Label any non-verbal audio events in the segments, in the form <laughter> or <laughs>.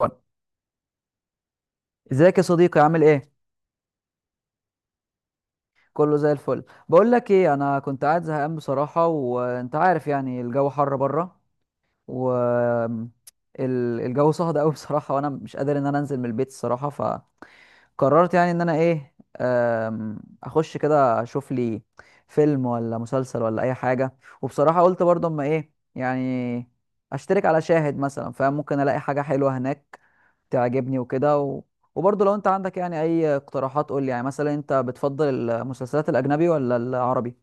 وأنا. ازيك يا صديقي، عامل ايه؟ كله زي الفل. بقول لك ايه، انا كنت قاعد زهقان بصراحه وانت عارف يعني الجو حر بره. و الجو صهد قوي بصراحه وانا مش قادر ان انا انزل من البيت الصراحه. فقررت يعني ان انا ايه، اخش كده اشوف لي فيلم ولا مسلسل ولا اي حاجه. وبصراحه قلت برضه اما ايه يعني اشترك على شاهد مثلا، فممكن الاقي حاجه حلوه هناك تعجبني وكده وبرضه لو انت عندك يعني اي اقتراحات قول لي، يعني مثلا انت بتفضل المسلسلات الاجنبي ولا العربي؟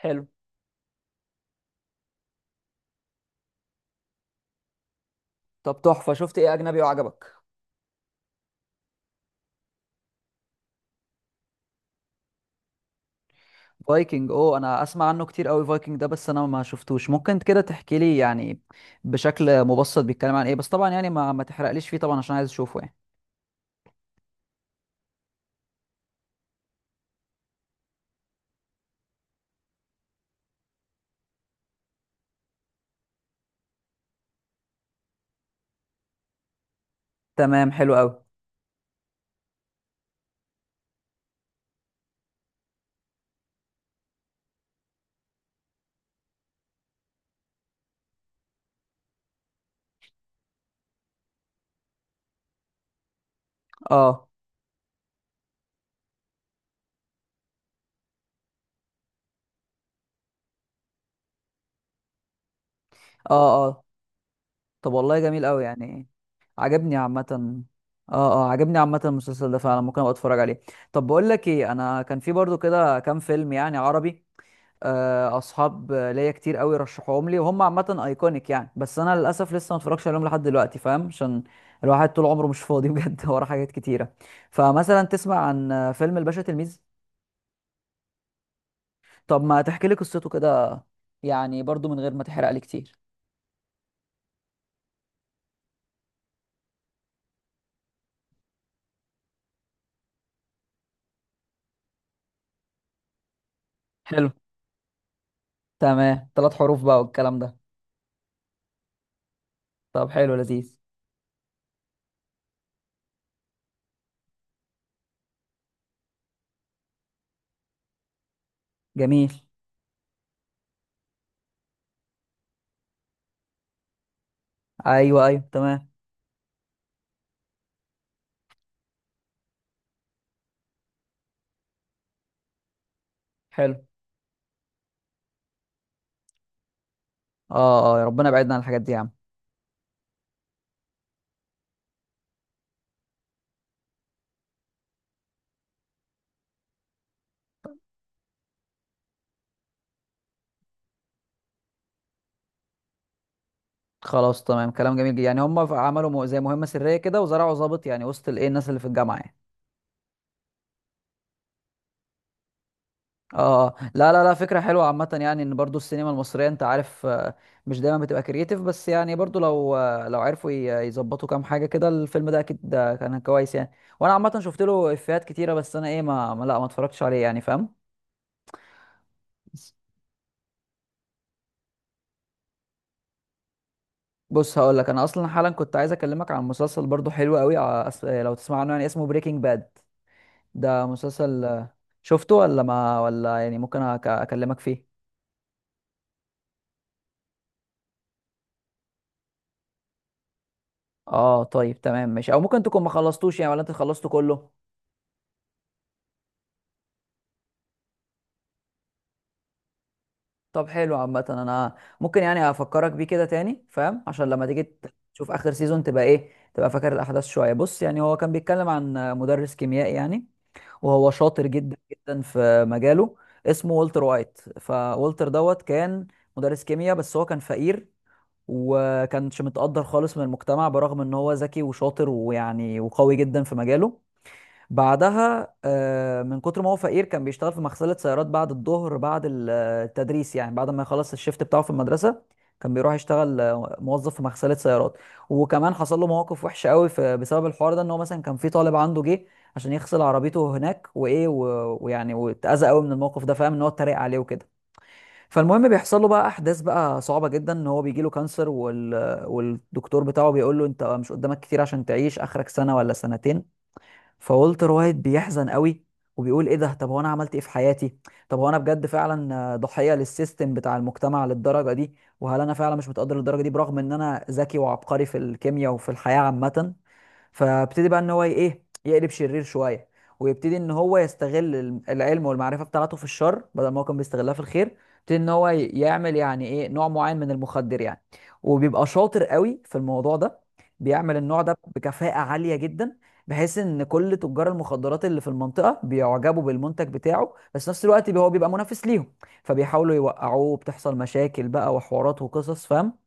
حلو. طب تحفة، شفت ايه اجنبي وعجبك؟ فايكنج. اوه، انا اسمع عنه كتير قوي فايكنج ده، بس انا ما شفتوش. ممكن كده تحكي لي يعني بشكل مبسط بيتكلم عن ايه؟ بس طبعا يعني ما تحرقليش فيه طبعا عشان عايز اشوفه يعني. تمام، حلو قوي. اه اه. طب والله جميل قوي يعني. عجبني عامة. اه اه، عجبني عامة المسلسل ده، فعلا ممكن ابقى اتفرج عليه. طب بقول لك ايه، انا كان في برضو كده كام فيلم يعني عربي، اصحاب ليا كتير قوي رشحوهم لي وهم عامة ايكونيك يعني، بس انا للاسف لسه ما اتفرجش عليهم لحد دلوقتي فاهم، عشان الواحد طول عمره مش فاضي بجد <laughs> ورا حاجات كتيرة. فمثلا تسمع عن فيلم الباشا تلميذ؟ طب ما تحكي لي قصته كده يعني، برضو من غير ما تحرق لي كتير. حلو. تمام، ثلاث حروف بقى والكلام ده. طب حلو، لذيذ. جميل. ايوه ايوه، تمام. حلو. اه اه، يا ربنا يبعدنا عن الحاجات دي يا عم. خلاص، تمام. كلام جميل جدا، يعني هم عملوا زي مهمه سريه كده وزرعوا ضابط يعني وسط الايه الناس اللي في الجامعه يعني. اه آه. لا لا لا، فكره حلوه عامه يعني. ان برضو السينما المصريه انت عارف مش دايما بتبقى كرييتيف، بس يعني برضو لو لو عرفوا يظبطوا كام حاجه كده، الفيلم ده اكيد ده كان كويس يعني. وانا عامه شفت له افيهات كتيره، بس انا ايه لا، ما اتفرجتش عليه يعني، فاهم. بص هقول لك، انا اصلا حالا كنت عايز اكلمك عن مسلسل برضو حلو قوي لو تسمع عنه يعني، اسمه بريكنج باد. ده مسلسل شفته ولا ما ولا يعني، ممكن اكلمك فيه. اه طيب، تمام ماشي. او ممكن تكون ما خلصتوش يعني، ولا انت خلصته كله؟ طب حلو عامه. انا ممكن يعني افكرك بيه كده تاني فاهم، عشان لما تيجي تشوف اخر سيزون تبقى ايه، تبقى فاكر الاحداث شويه. بص، يعني هو كان بيتكلم عن مدرس كيميائي يعني، وهو شاطر جدا جدا في مجاله. اسمه والتر وايت، فوالتر دوت كان مدرس كيمياء بس هو كان فقير، وكانش متقدر خالص من المجتمع برغم ان هو ذكي وشاطر ويعني وقوي جدا في مجاله. بعدها من كتر ما هو فقير كان بيشتغل في مغسلة سيارات بعد الظهر، بعد التدريس يعني، بعد ما يخلص الشيفت بتاعه في المدرسة كان بيروح يشتغل موظف في مغسلة سيارات. وكمان حصل له مواقف وحشة قوي في بسبب الحوار ده، ان هو مثلا كان في طالب عنده جه عشان يغسل عربيته هناك وايه ويعني واتأذى قوي من الموقف ده فاهم، ان هو اتريق عليه وكده. فالمهم بيحصل له بقى احداث بقى صعبة جدا، ان هو بيجي له كانسر والدكتور بتاعه بيقول له انت مش قدامك كتير عشان تعيش، اخرك سنة ولا سنتين. فولتر وايت بيحزن قوي، وبيقول ايه ده، طب هو انا عملت ايه في حياتي؟ طب هو انا بجد فعلا ضحية للسيستم بتاع المجتمع للدرجة دي؟ وهل انا فعلا مش متقدر للدرجة دي برغم ان انا ذكي وعبقري في الكيمياء وفي الحياة عامة؟ فابتدي بقى ان هو ايه، يقلب شرير شويه، ويبتدي ان هو يستغل العلم والمعرفه بتاعته في الشر بدل ما هو كان بيستغلها في الخير. يبتدي ان هو يعمل يعني ايه، نوع معين من المخدر يعني. وبيبقى شاطر قوي في الموضوع ده، بيعمل النوع ده بكفاءه عاليه جدا، بحيث ان كل تجار المخدرات اللي في المنطقه بيعجبوا بالمنتج بتاعه، بس في نفس الوقت هو بيبقى منافس ليهم، فبيحاولوا يوقعوه. بتحصل مشاكل بقى وحوارات وقصص فاهم،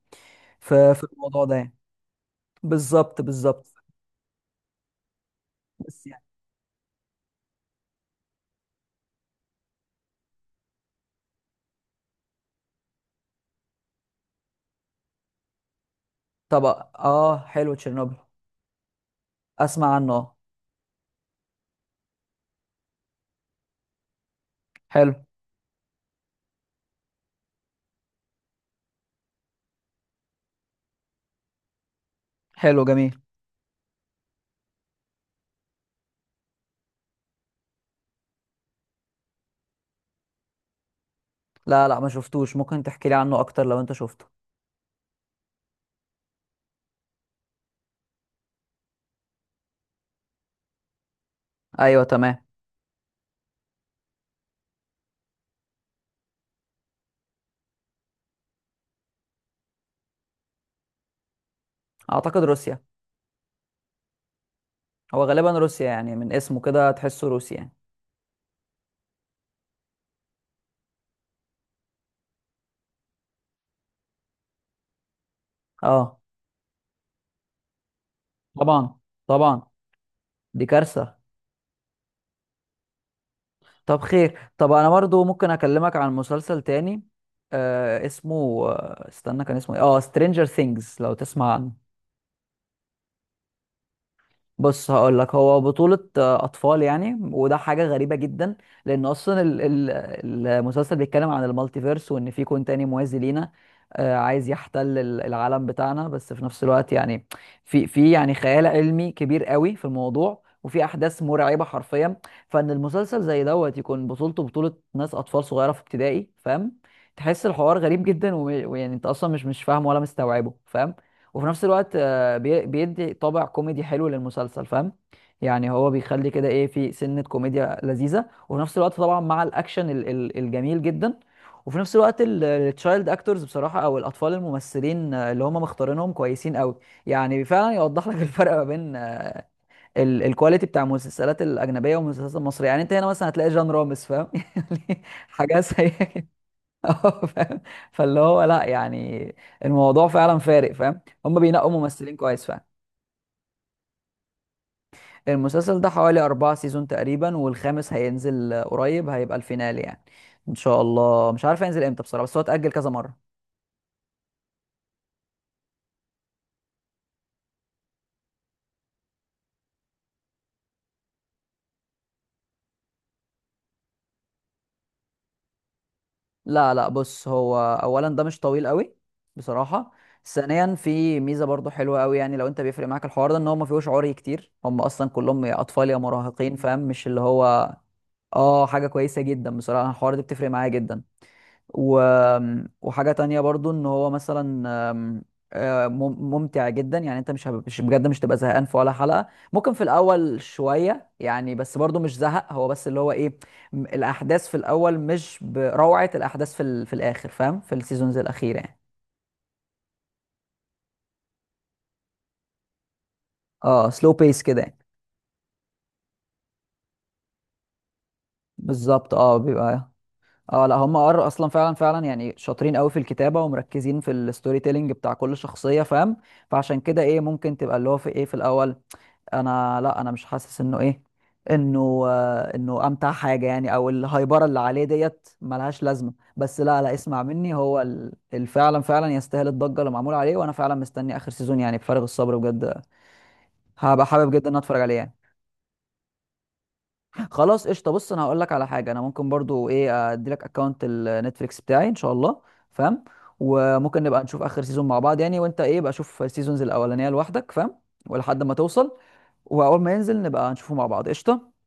في الموضوع ده يعني. بالظبط بالظبط. طب، اه حلو تشيرنوبل، اسمع عنه، اه. حلو. حلو، جميل. لا لا، ما شفتوش، ممكن تحكي لي عنه اكتر لو انت شفته. ايوه تمام. اعتقد روسيا. هو غالبا روسيا يعني، من اسمه كده تحسه روسي يعني. اه، طبعا. طبعا، دي كارثة. طب خير. طب انا برضو ممكن اكلمك عن مسلسل تاني اسمه، استنى كان اسمه ايه، اه سترينجر ثينجز، لو تسمع عنه. بص هقول لك، هو بطولة أطفال يعني، وده حاجة غريبة جدا. لأن أصلا المسلسل بيتكلم عن المالتيفيرس، وإن في كون تاني موازي لينا عايز يحتل العالم بتاعنا. بس في نفس الوقت يعني في يعني خيال علمي كبير قوي في الموضوع، وفي أحداث مرعبة حرفيا. فإن المسلسل زي دوت يكون بطولته بطولة ناس أطفال صغيرة في ابتدائي فاهم، تحس الحوار غريب جدا ويعني أنت أصلا مش فاهم ولا مستوعبه فاهم. وفي نفس الوقت بيدي طابع كوميدي حلو للمسلسل فاهم، يعني هو بيخلي كده ايه، في سنة كوميديا لذيذة، وفي نفس الوقت طبعا مع الاكشن الجميل جدا. وفي نفس الوقت التشايلد اكتورز بصراحة، او الاطفال الممثلين اللي هم مختارينهم كويسين قوي، يعني فعلا يوضح لك <laughs> الفرق ما بين الكواليتي بتاع المسلسلات الاجنبية والمسلسلات المصرية. يعني انت هنا مثلا هتلاقي جان رامز فاهم <laughs> يعني حاجة سيئة كده. <laughs> اه، فاهم. فاللي هو لا يعني، الموضوع فعلا فارق فاهم، هم بينقوا ممثلين كويس فعلا. المسلسل ده حوالي أربعة سيزون تقريبا، والخامس هينزل قريب، هيبقى الفينال يعني. إن شاء الله مش عارف هينزل إمتى بصراحة، بس هو اتأجل كذا مرة. لا لا، بص هو، أولا ده مش طويل قوي بصراحة. ثانيا في ميزة برضو حلوة قوي، يعني لو أنت بيفرق معاك الحوار ده إن هو ما فيهوش عري كتير، هم أصلا كلهم يا أطفال يا مراهقين فاهم، مش اللي هو. اه، حاجة كويسة جدا بصراحة، الحوار ده بتفرق معايا جدا و... وحاجة تانية برضو ان هو مثلا، ممتع جدا يعني، انت مش مش بجد مش تبقى زهقان في ولا حلقة، ممكن في الاول شوية يعني بس برضو مش زهق. هو بس اللي هو ايه، الاحداث في الاول مش بروعة الاحداث في الاخر فاهم، في السيزونز الاخيرة يعني. اه، سلو بيس كده يعني. بالظبط، اه بيبقى، اه لا هم اصلا فعلا فعلا يعني شاطرين قوي في الكتابه ومركزين في الستوري تيلينج بتاع كل شخصيه فاهم، فعشان كده ايه ممكن تبقى اللي هو في ايه في الاول. انا لا، انا مش حاسس انه ايه، انه انه امتع حاجه يعني، او الهايبره اللي عليه ديت ملهاش لازمه. بس لا لا، اسمع مني، هو فعلا فعلا يستاهل الضجه اللي معمول عليه، وانا فعلا مستني اخر سيزون يعني بفارغ الصبر بجد. هبقى حابب جدا ان اتفرج عليه يعني. خلاص قشطه، بص انا هقول لك على حاجه، انا ممكن برضو ايه ادي لك اكونت النتفليكس بتاعي ان شاء الله فاهم. وممكن نبقى نشوف اخر سيزون مع بعض يعني، وانت ايه بقى، شوف السيزونز الاولانيه لوحدك فاهم، ولحد ما توصل واول ما ينزل نبقى نشوفه مع بعض. قشطه.